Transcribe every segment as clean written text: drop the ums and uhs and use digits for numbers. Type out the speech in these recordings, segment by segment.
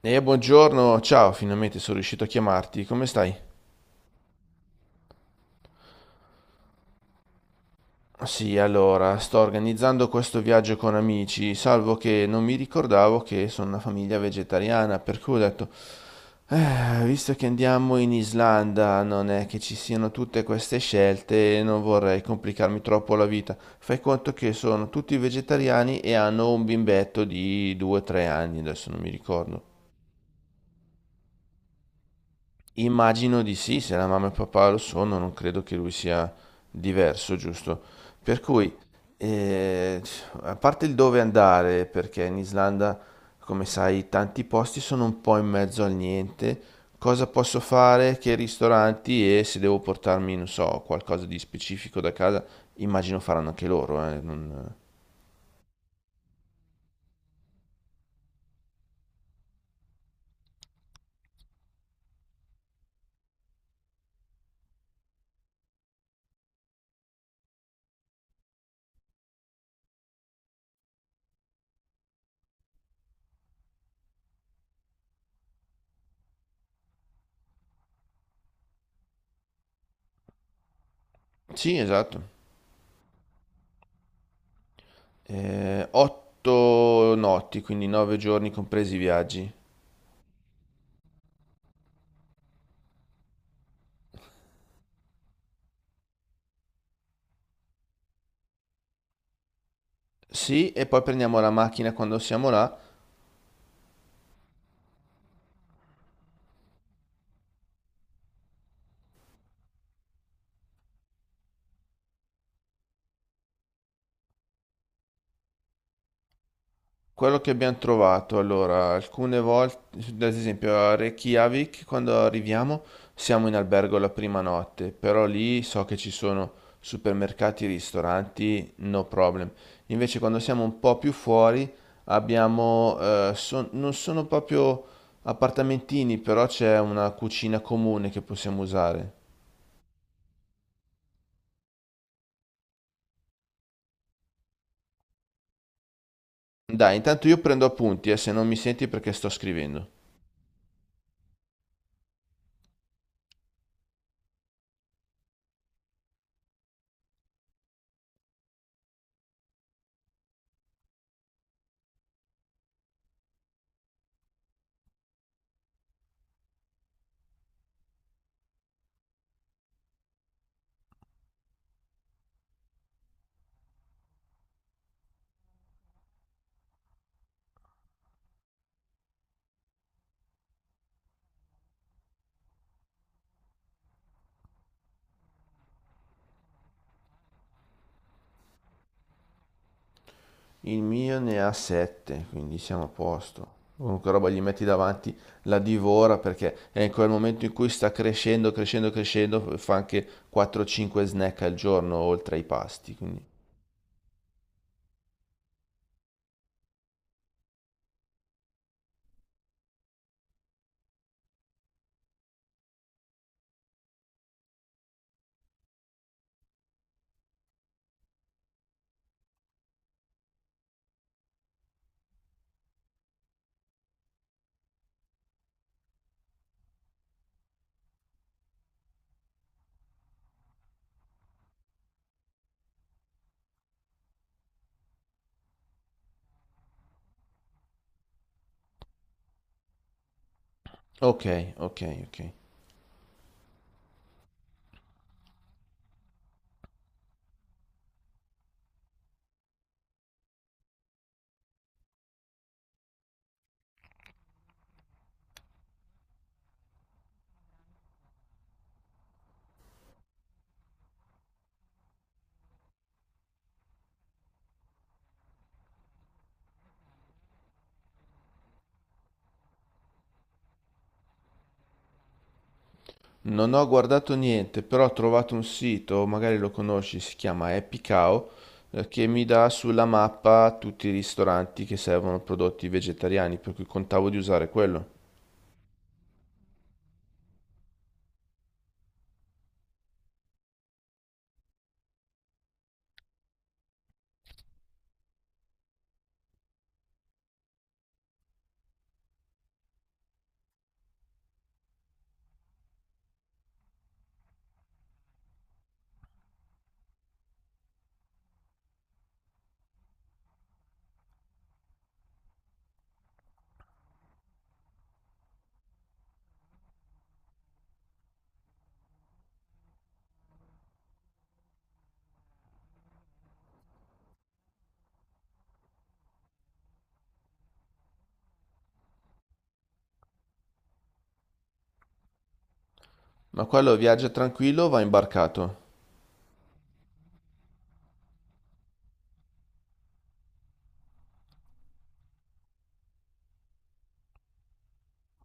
Buongiorno, ciao, finalmente sono riuscito a chiamarti, come stai? Sì, allora, sto organizzando questo viaggio con amici, salvo che non mi ricordavo che sono una famiglia vegetariana, per cui ho detto, visto che andiamo in Islanda, non è che ci siano tutte queste scelte, non vorrei complicarmi troppo la vita. Fai conto che sono tutti vegetariani e hanno un bimbetto di 2-3 anni, adesso non mi ricordo. Immagino di sì, se la mamma e papà lo sono, non credo che lui sia diverso, giusto? Per cui, eh, a parte il dove andare, perché in Islanda, come sai, tanti posti sono un po' in mezzo al niente, cosa posso fare, che ristoranti e se devo portarmi, non so, qualcosa di specifico da casa, immagino faranno anche loro. Sì, esatto. 8 notti, quindi 9 giorni compresi i viaggi. Sì, e poi prendiamo la macchina quando siamo là. Quello che abbiamo trovato, allora, alcune volte, ad esempio a Reykjavik, quando arriviamo, siamo in albergo la prima notte, però lì so che ci sono supermercati, ristoranti, no problem. Invece quando siamo un po' più fuori, abbiamo non sono proprio appartamentini, però c'è una cucina comune che possiamo usare. Dai, intanto io prendo appunti, se non mi senti perché sto scrivendo. Il mio ne ha 7, quindi siamo a posto. Qualunque roba gli metti davanti la divora perché è in quel momento in cui sta crescendo, crescendo, crescendo, fa anche 4-5 snack al giorno oltre ai pasti. Quindi. Ok, ok, ok. Non ho guardato niente, però ho trovato un sito, magari lo conosci, si chiama Epicao, che mi dà sulla mappa tutti i ristoranti che servono prodotti vegetariani, per cui contavo di usare quello. Ma quello viaggia tranquillo, o va imbarcato.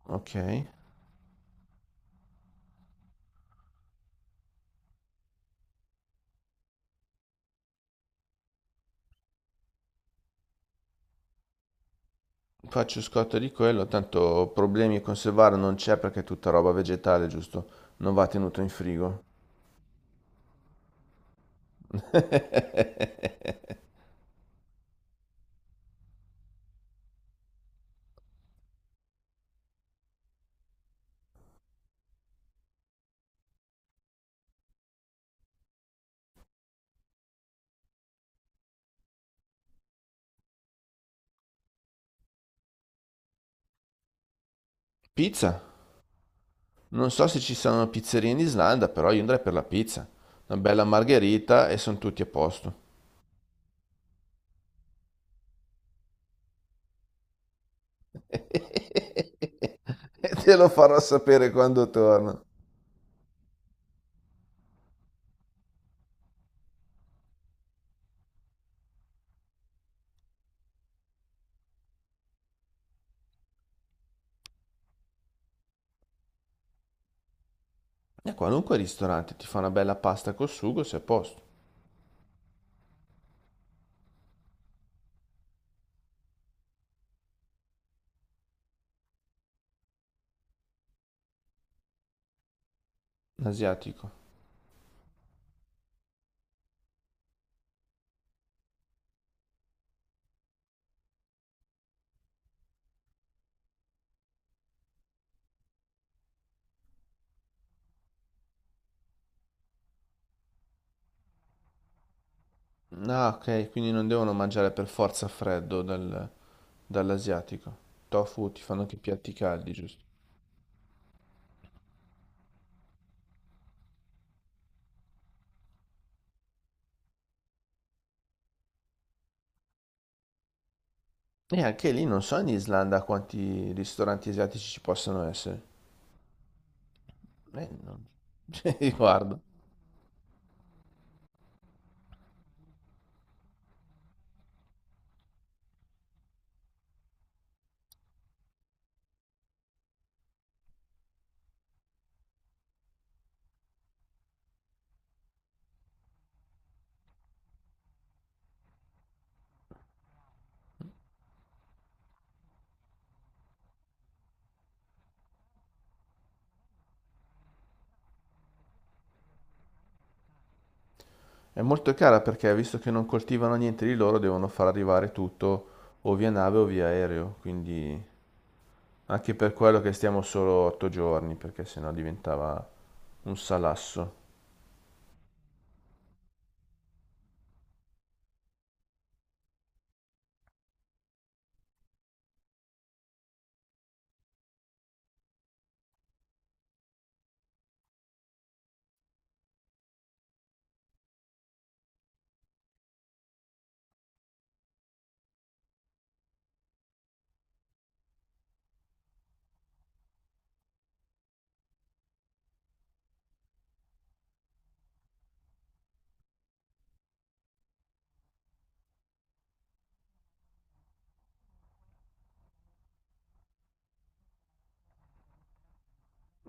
Ok. Faccio scotto di quello, tanto problemi a conservarlo non c'è perché è tutta roba vegetale, giusto? Non va tenuto in frigo. Pizza? Non so se ci saranno pizzerie in Islanda, però io andrei per la pizza. Una bella margherita e sono tutti a posto. E te lo farò sapere quando torno. E a qualunque ristorante ti fa una bella pasta col sugo, sei a posto. L'asiatico. Ah, ok, quindi non devono mangiare per forza freddo dal- dall'asiatico. Tofu ti fanno anche piatti caldi, giusto? E anche lì non so in Islanda quanti ristoranti asiatici ci possono essere. Non... cioè, guarda. È molto cara perché visto che non coltivano niente di loro, devono far arrivare tutto o via nave o via aereo. Quindi anche per quello che stiamo solo 8 giorni, perché sennò diventava un salasso.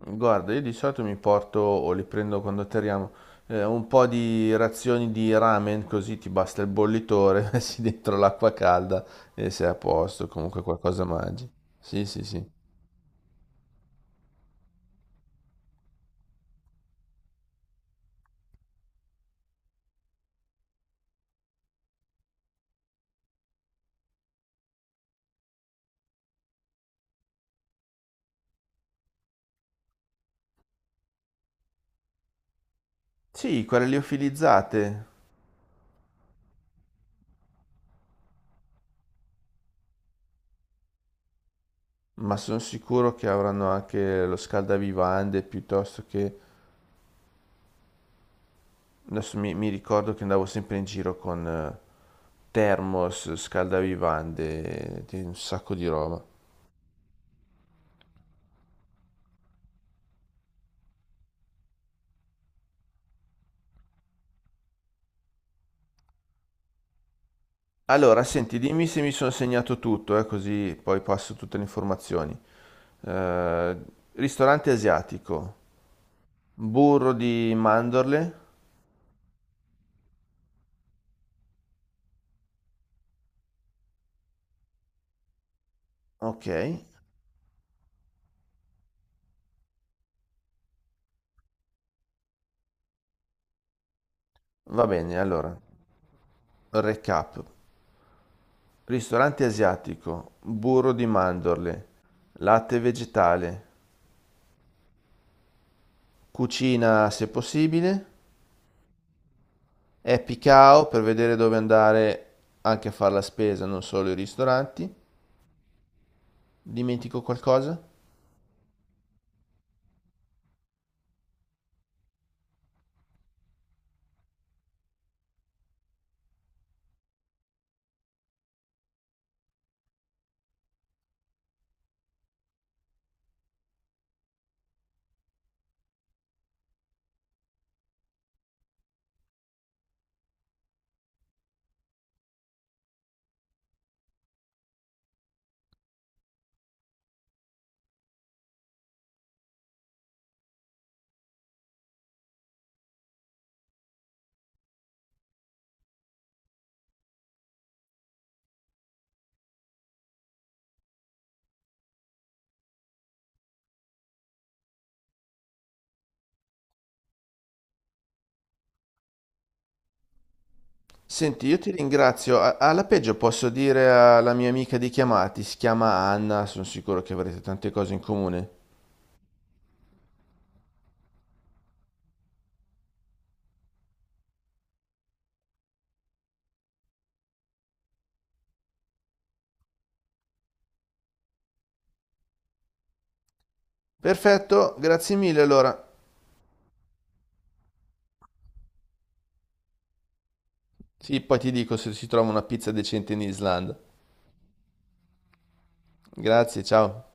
Guarda, io di solito mi porto o li prendo quando atterriamo, un po' di razioni di ramen, così ti basta il bollitore, messi dentro l'acqua calda e sei a posto, comunque qualcosa mangi. Sì, sì, sì. Sì, quelle liofilizzate, ma sono sicuro che avranno anche lo scaldavivande piuttosto che... Adesso mi ricordo che andavo sempre in giro con thermos, scaldavivande, di un sacco di roba. Allora, senti, dimmi se mi sono segnato tutto, così poi passo tutte le informazioni. Eh, ristorante asiatico, burro di mandorle, ok, va bene, allora, recap. Ristorante asiatico, burro di mandorle, latte vegetale, cucina se possibile, happy cow per vedere dove andare anche a fare la spesa, non solo i ristoranti. Dimentico qualcosa? Senti, io ti ringrazio. Alla peggio posso dire alla mia amica di chiamarti, si chiama Anna, sono sicuro che avrete tante cose in comune. Perfetto, grazie mille allora. Sì, poi ti dico se si trova una pizza decente in Islanda. Grazie, ciao.